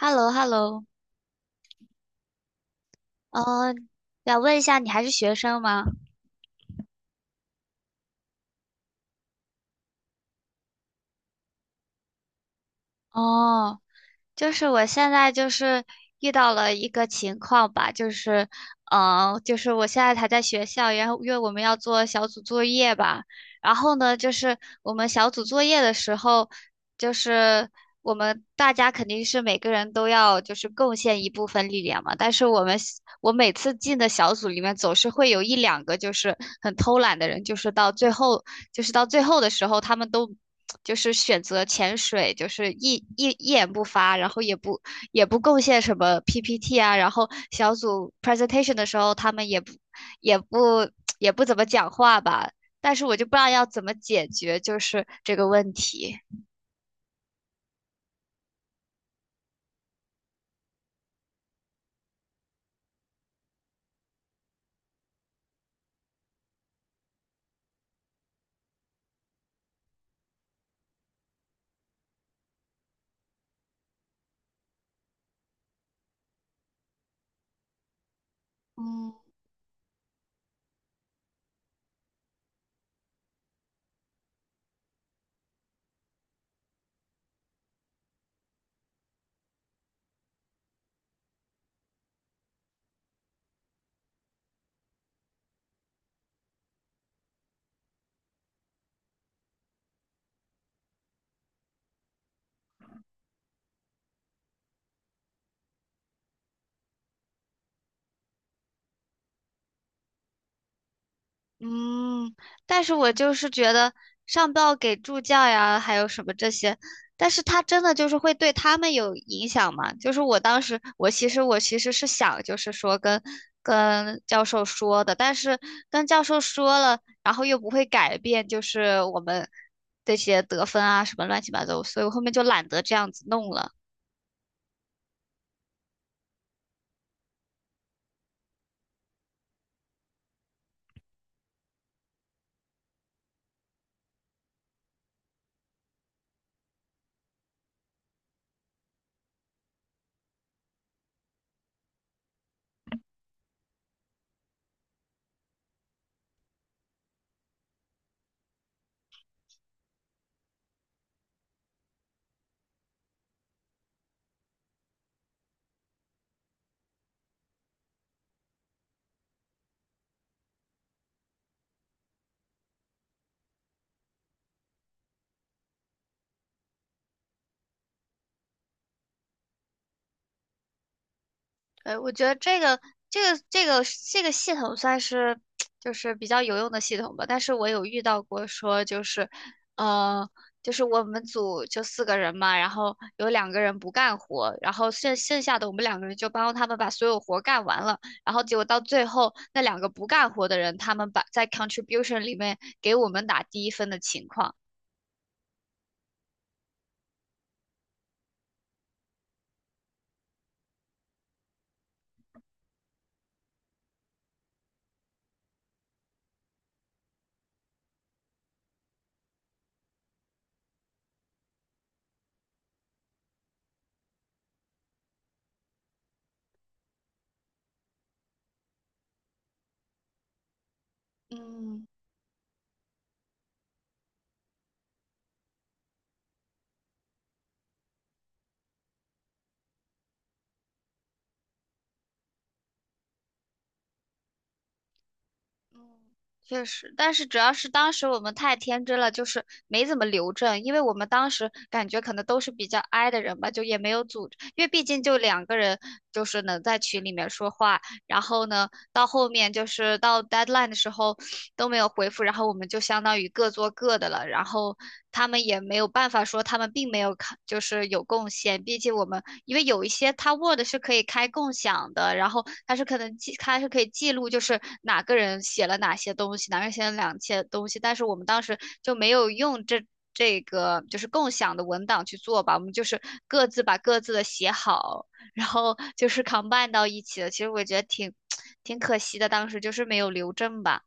h e l l o h e l l o。 嗯，想问一下，你还是学生吗？哦，就是我现在就是遇到了一个情况吧，就是，就是我现在还在学校，然后因为我们要做小组作业吧，然后呢，就是我们小组作业的时候，就是我们大家肯定是每个人都要就是贡献一部分力量嘛，但是我每次进的小组里面总是会有一两个就是很偷懒的人，就是到最后的时候，他们都。就是选择潜水，就是一言不发，然后也不贡献什么 PPT 啊，然后小组 presentation 的时候，他们也不也不 也不怎么讲话吧。但是我就不知道要怎么解决就是这个问题。嗯，嗯，但是我就是觉得上报给助教呀，还有什么这些，但是他真的就是会对他们有影响吗？就是我当时，我其实是想，就是说跟教授说的，但是跟教授说了，然后又不会改变，就是我们这些得分啊什么乱七八糟，所以我后面就懒得这样子弄了。呃，我觉得这个这个这个系统算是 就是比较有用的系统吧，但是我有遇到过说就是，呃，就是我们组就四个人嘛，然后有两个人不干活，然后剩下的我们两个人就帮他们把所有活干完了，然后结果到最后那两个不干活的人，他们把在 contribution 里面给我们打低分的情况。嗯，嗯，确实，但是主要是当时我们太天真了，就是没怎么留证，因为我们当时感觉可能都是比较 i 的人吧，就也没有组织因为毕竟就两个人，就是能在群里面说话，然后呢，到后面就是到 deadline 的时候都没有回复，然后我们就相当于各做各的了，然后他们也没有办法说他们并没有看，就是有贡献，毕竟我们因为有一些它 Word 是可以开共享的，然后它是可能记，它是可以记录就是哪个人写了哪些东西，哪个人写了哪些东西，但是我们当时就没有用这。这个就是共享的文档去做吧，我们就是各自把各自的写好，然后就是 combine 到一起的。其实我觉得挺可惜的，当时就是没有留证吧。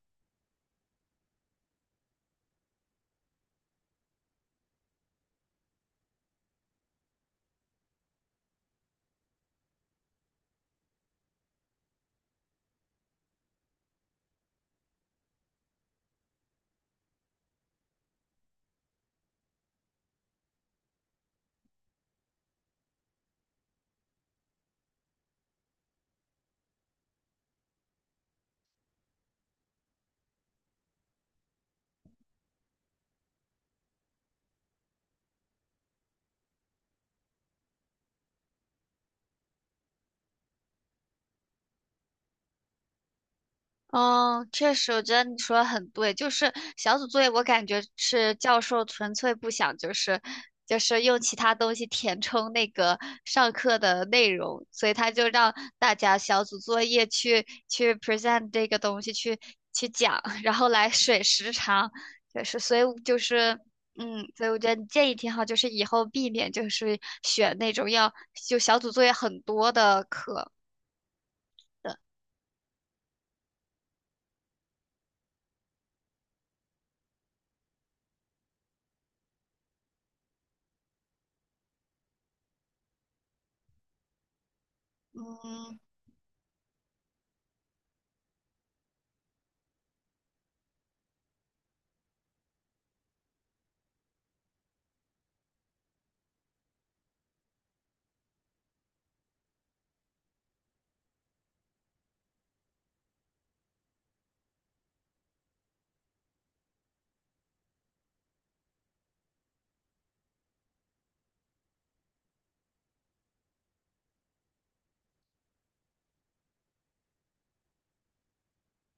嗯，确实，我觉得你说的很对。就是小组作业，我感觉是教授纯粹不想，就是就是用其他东西填充那个上课的内容，所以他就让大家小组作业去 present 这个东西，去讲，然后来水时长，就是所以就是所以我觉得你建议挺好，就是以后避免就是选那种要就小组作业很多的课的。嗯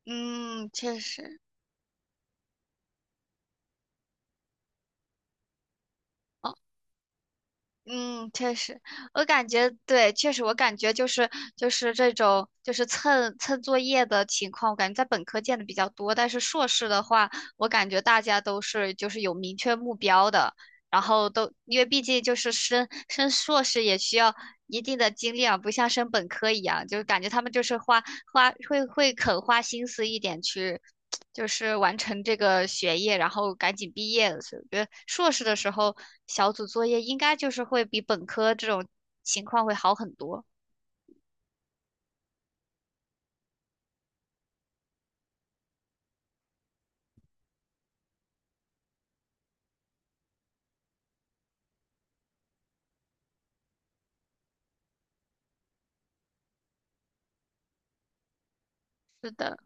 嗯，确实。哦。嗯，确实，我感觉对，确实，我感觉就是这种就是蹭蹭作业的情况，我感觉在本科见的比较多，但是硕士的话，我感觉大家都是就是有明确目标的，然后都因为毕竟就是升硕士也需要一定的精力啊，不像升本科一样，就是感觉他们就是花花会会肯花心思一点去。就是完成这个学业，然后赶紧毕业了。所以我觉得硕士的时候小组作业应该就是会比本科这种情况会好很多。是的，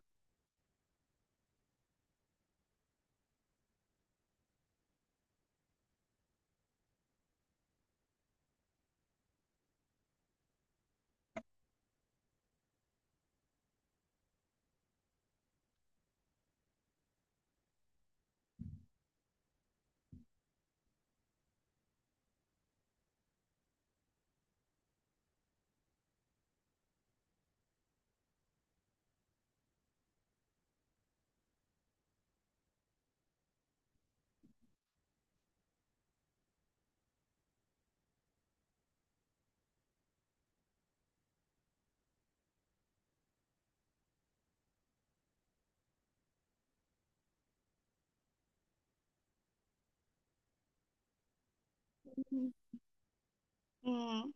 嗯。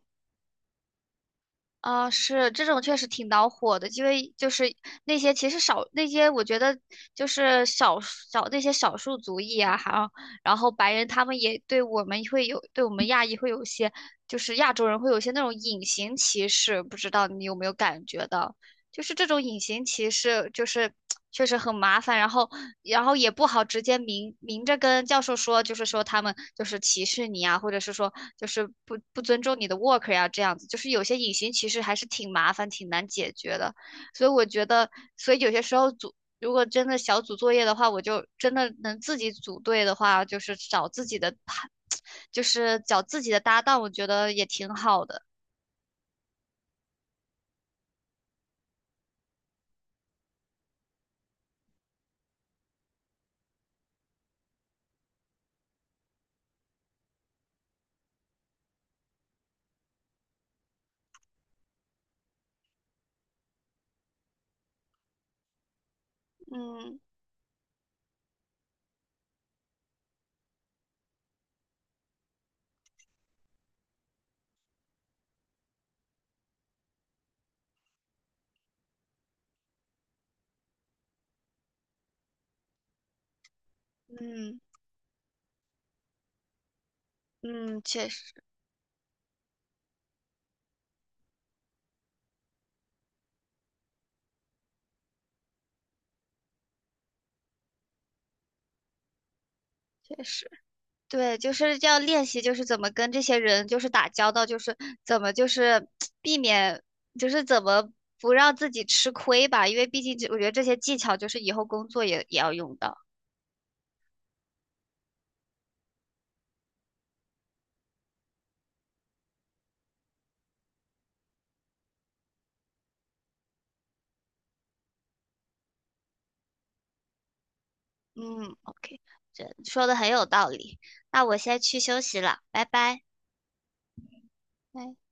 啊、是这种确实挺恼火的，因为就是那些其实少那些，我觉得就是那些少数族裔啊，还有然后白人他们也对我们会有对我们亚裔会有一些就是亚洲人会有一些那种隐形歧视，不知道你有没有感觉到？就是这种隐形歧视，就是确实很麻烦，然后也不好直接明明着跟教授说，就是说他们就是歧视你啊，或者是说就是不尊重你的 work 呀、这样子，就是有些隐形歧视还是挺麻烦、挺难解决的，所以我觉得，所以有些时候组。如果真的小组作业的话，我就真的能自己组队的话，就是找自己的，就是找自己的搭档，我觉得也挺好的。嗯嗯嗯，确实确实。对，就是要练习，就是怎么跟这些人就是打交道，就是怎么就是 避免，就是怎么不让自己吃亏吧，因为毕竟这我觉得这些技巧就是以后工作也要用到。嗯，OK，这说的很有道理。那我先去休息了，拜拜。拜